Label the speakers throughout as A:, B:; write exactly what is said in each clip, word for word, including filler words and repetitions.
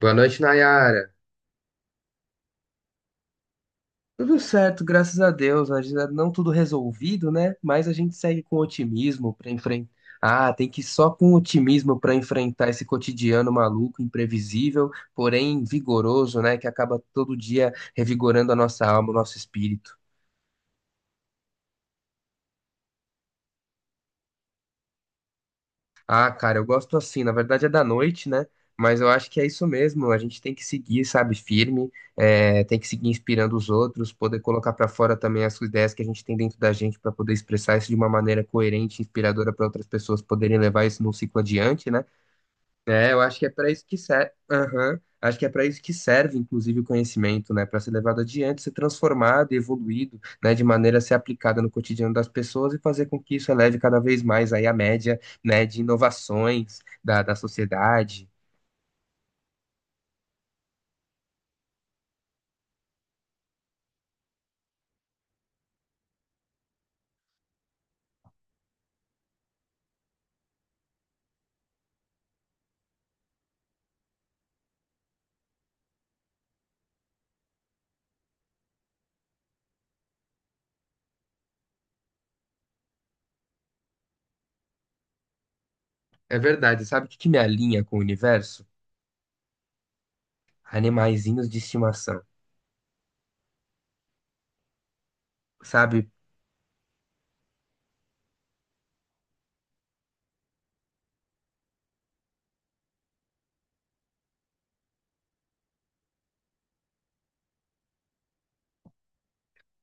A: Boa noite, Nayara. Tudo certo, graças a Deus. Ainda não tudo resolvido, né? Mas a gente segue com otimismo para enfrentar. Ah, tem que ir só com otimismo para enfrentar esse cotidiano maluco, imprevisível, porém vigoroso, né? Que acaba todo dia revigorando a nossa alma, o nosso espírito. Ah, cara, eu gosto assim. Na verdade é da noite, né? Mas eu acho que é isso mesmo. A gente tem que seguir, sabe, firme, é, tem que seguir inspirando os outros, poder colocar pra fora também as ideias que a gente tem dentro da gente pra poder expressar isso de uma maneira coerente, inspiradora pra outras pessoas poderem levar isso num ciclo adiante, né? É, eu acho que é para isso que serve. Acho que é para isso que serve, inclusive, o conhecimento, né? Para ser levado adiante, ser transformado e evoluído, né? De maneira a ser aplicada no cotidiano das pessoas e fazer com que isso eleve cada vez mais aí a média, né? De inovações da, da sociedade. É verdade. Sabe o que que me alinha com o universo? Animaizinhos de estimação, sabe?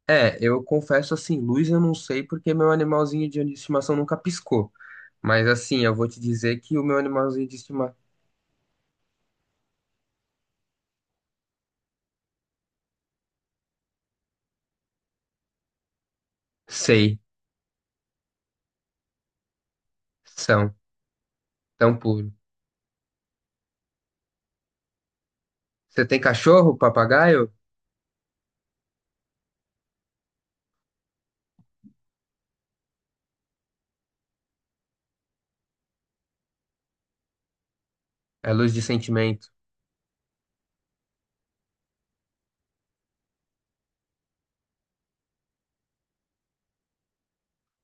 A: É, eu confesso assim, luz eu não sei porque meu animalzinho de estimação nunca piscou. Mas assim, eu vou te dizer que o meu animalzinho de estimação. Sei. São. Tão puro. Você tem cachorro, papagaio? É luz de sentimento.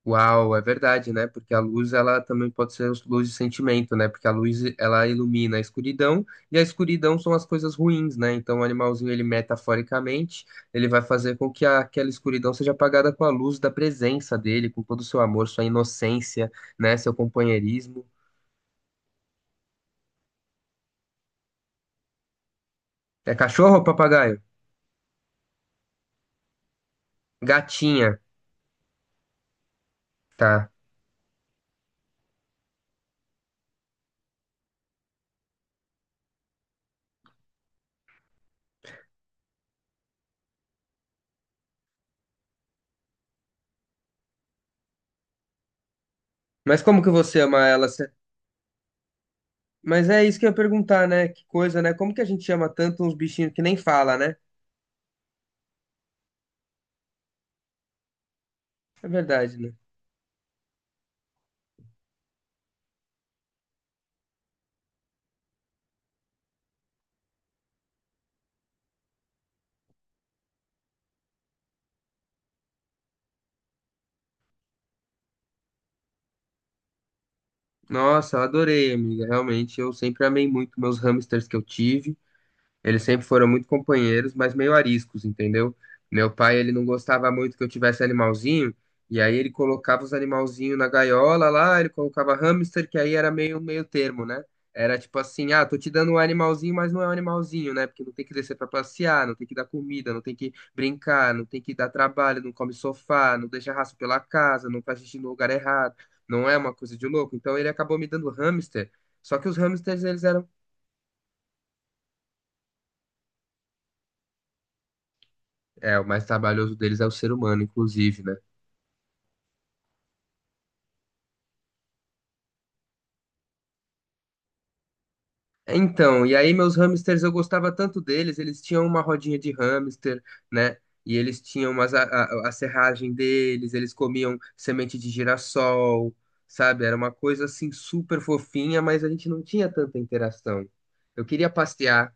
A: Uau, é verdade, né? Porque a luz, ela também pode ser luz de sentimento, né? Porque a luz, ela ilumina a escuridão, e a escuridão são as coisas ruins, né? Então o animalzinho, ele metaforicamente, ele vai fazer com que a- aquela escuridão seja apagada com a luz da presença dele, com todo o seu amor, sua inocência, né? Seu companheirismo. É cachorro ou papagaio? Gatinha, tá. Mas como que você ama ela? Mas é isso que eu ia perguntar, né? Que coisa, né? Como que a gente chama tanto uns bichinhos que nem fala, né? É verdade, né? Nossa, eu adorei, amiga. Realmente, eu sempre amei muito meus hamsters que eu tive. Eles sempre foram muito companheiros, mas meio ariscos, entendeu? Meu pai, ele não gostava muito que eu tivesse animalzinho, e aí ele colocava os animalzinhos na gaiola lá, ele colocava hamster, que aí era meio meio termo, né? Era tipo assim, ah, tô te dando um animalzinho, mas não é um animalzinho, né? Porque não tem que descer pra passear, não tem que dar comida, não tem que brincar, não tem que dar trabalho, não come sofá, não deixa rastro pela casa, não faz xixi no lugar errado, não é uma coisa de louco. Então ele acabou me dando hamster, só que os hamsters, eles eram. É, o mais trabalhoso deles é o ser humano, inclusive, né? Então, e aí meus hamsters, eu gostava tanto deles, eles tinham uma rodinha de hamster, né? E eles tinham umas, a, a, a serragem deles, eles comiam semente de girassol, sabe? Era uma coisa assim super fofinha, mas a gente não tinha tanta interação. Eu queria passear.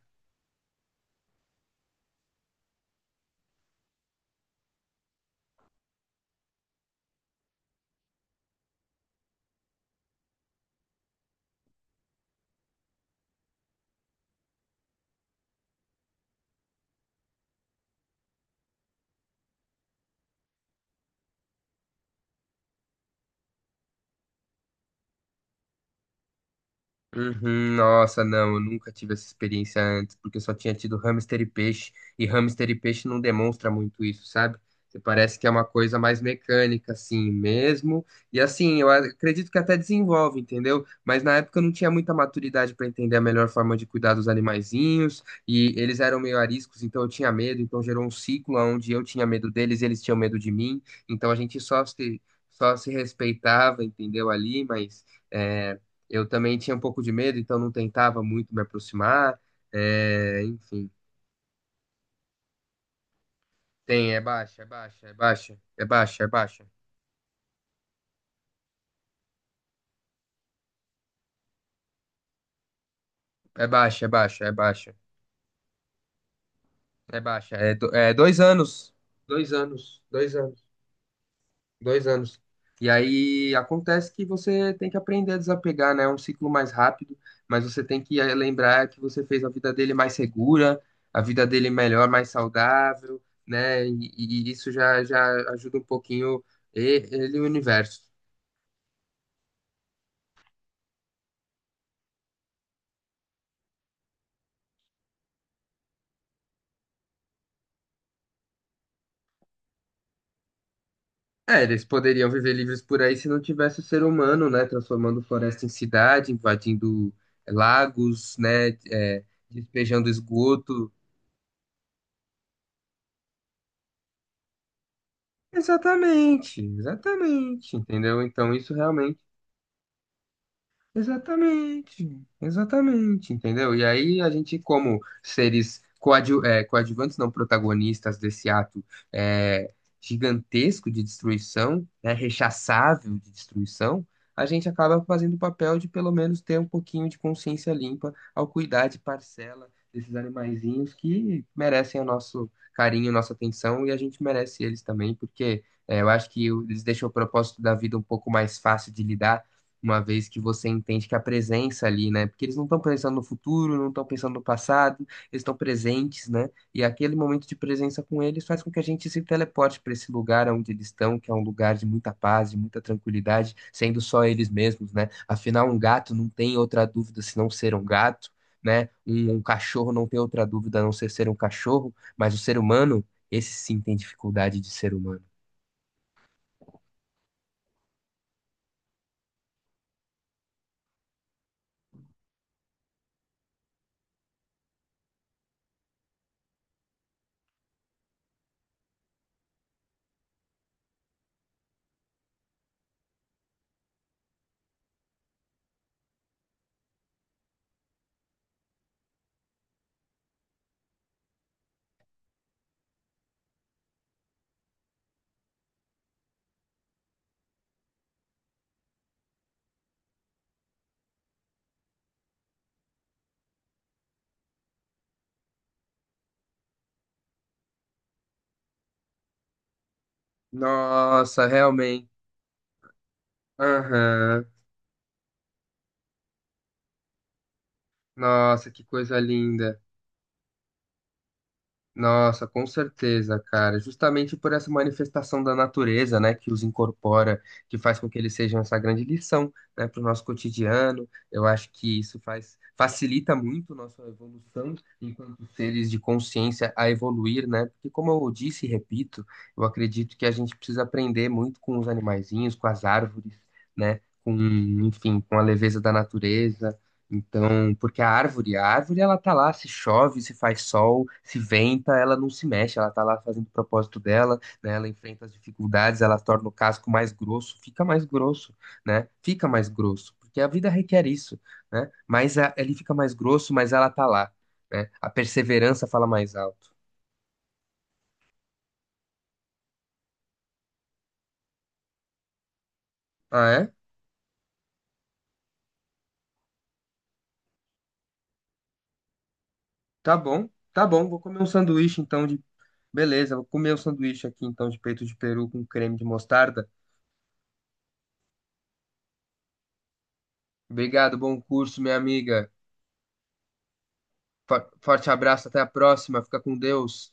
A: Uhum, nossa, não, eu nunca tive essa experiência antes, porque eu só tinha tido hamster e peixe, e hamster e peixe não demonstra muito isso, sabe? Você parece que é uma coisa mais mecânica, assim mesmo. E assim, eu acredito que até desenvolve, entendeu? Mas na época eu não tinha muita maturidade para entender a melhor forma de cuidar dos animaizinhos, e eles eram meio ariscos, então eu tinha medo, então gerou um ciclo onde eu tinha medo deles, eles tinham medo de mim, então a gente só se, só se respeitava, entendeu? Ali, mas eh, eu também tinha um pouco de medo, então não tentava muito me aproximar. É, enfim. Tem, é baixa, é baixa, é baixa, é baixa, é baixa, é baixa, é baixa, é baixa, é baixa. É, do- é dois anos, dois anos, dois anos, dois anos. E aí acontece que você tem que aprender a desapegar, né? É um ciclo mais rápido, mas você tem que eh, lembrar que você fez a vida dele mais segura, a vida dele melhor, mais saudável, né? E, e isso já, já ajuda um pouquinho e- ele e o universo. É, eles poderiam viver livres por aí se não tivesse o ser humano, né? Transformando floresta em cidade, invadindo eh, lagos, né? é, despejando esgoto. Exatamente, exatamente, entendeu? Então isso realmente. Exatamente, exatamente, entendeu? E aí a gente, como seres coadju é, coadjuvantes, não protagonistas desse ato é, gigantesco de destruição, né, rechaçável de destruição, a gente acaba fazendo o papel de pelo menos ter um pouquinho de consciência limpa ao cuidar de parcela desses animaizinhos que merecem o nosso carinho, nossa atenção, e a gente merece eles também, porque é, eu acho que eles deixam o propósito da vida um pouco mais fácil de lidar uma vez que você entende que a presença ali, né? Porque eles não estão pensando no futuro, não estão pensando no passado, eles estão presentes, né? E aquele momento de presença com eles faz com que a gente se teleporte para esse lugar onde eles estão, que é um lugar de muita paz, de muita tranquilidade, sendo só eles mesmos, né? Afinal, um gato não tem outra dúvida senão ser um gato, né? Um, um cachorro não tem outra dúvida a não ser ser um cachorro, mas o ser humano, esse sim tem dificuldade de ser humano. Nossa, realmente. Aham. Nossa, que coisa linda. Nossa, com certeza, cara. Justamente por essa manifestação da natureza, né, que os incorpora, que faz com que eles sejam essa grande lição, né, para o nosso cotidiano. Eu acho que isso faz facilita muito nossa evolução enquanto seres de consciência a evoluir, né? Porque como eu disse e repito, eu acredito que a gente precisa aprender muito com os animaizinhos, com as árvores, né? Com, enfim, com a leveza da natureza então, porque a árvore, a árvore, ela tá lá, se chove, se faz sol, se venta, ela não se mexe, ela tá lá fazendo o propósito dela, né? Ela enfrenta as dificuldades, ela torna o casco mais grosso, fica mais grosso, né? Fica mais grosso, porque a vida requer isso, né? Mas a- ele fica mais grosso, mas ela tá lá, né? A perseverança fala mais alto. Ah, é? Tá bom, tá bom, vou comer um sanduíche então de... Beleza, vou comer um sanduíche aqui então de peito de peru com creme de mostarda. Obrigado, bom curso, minha amiga. Fa- Forte abraço, até a próxima. Fica com Deus.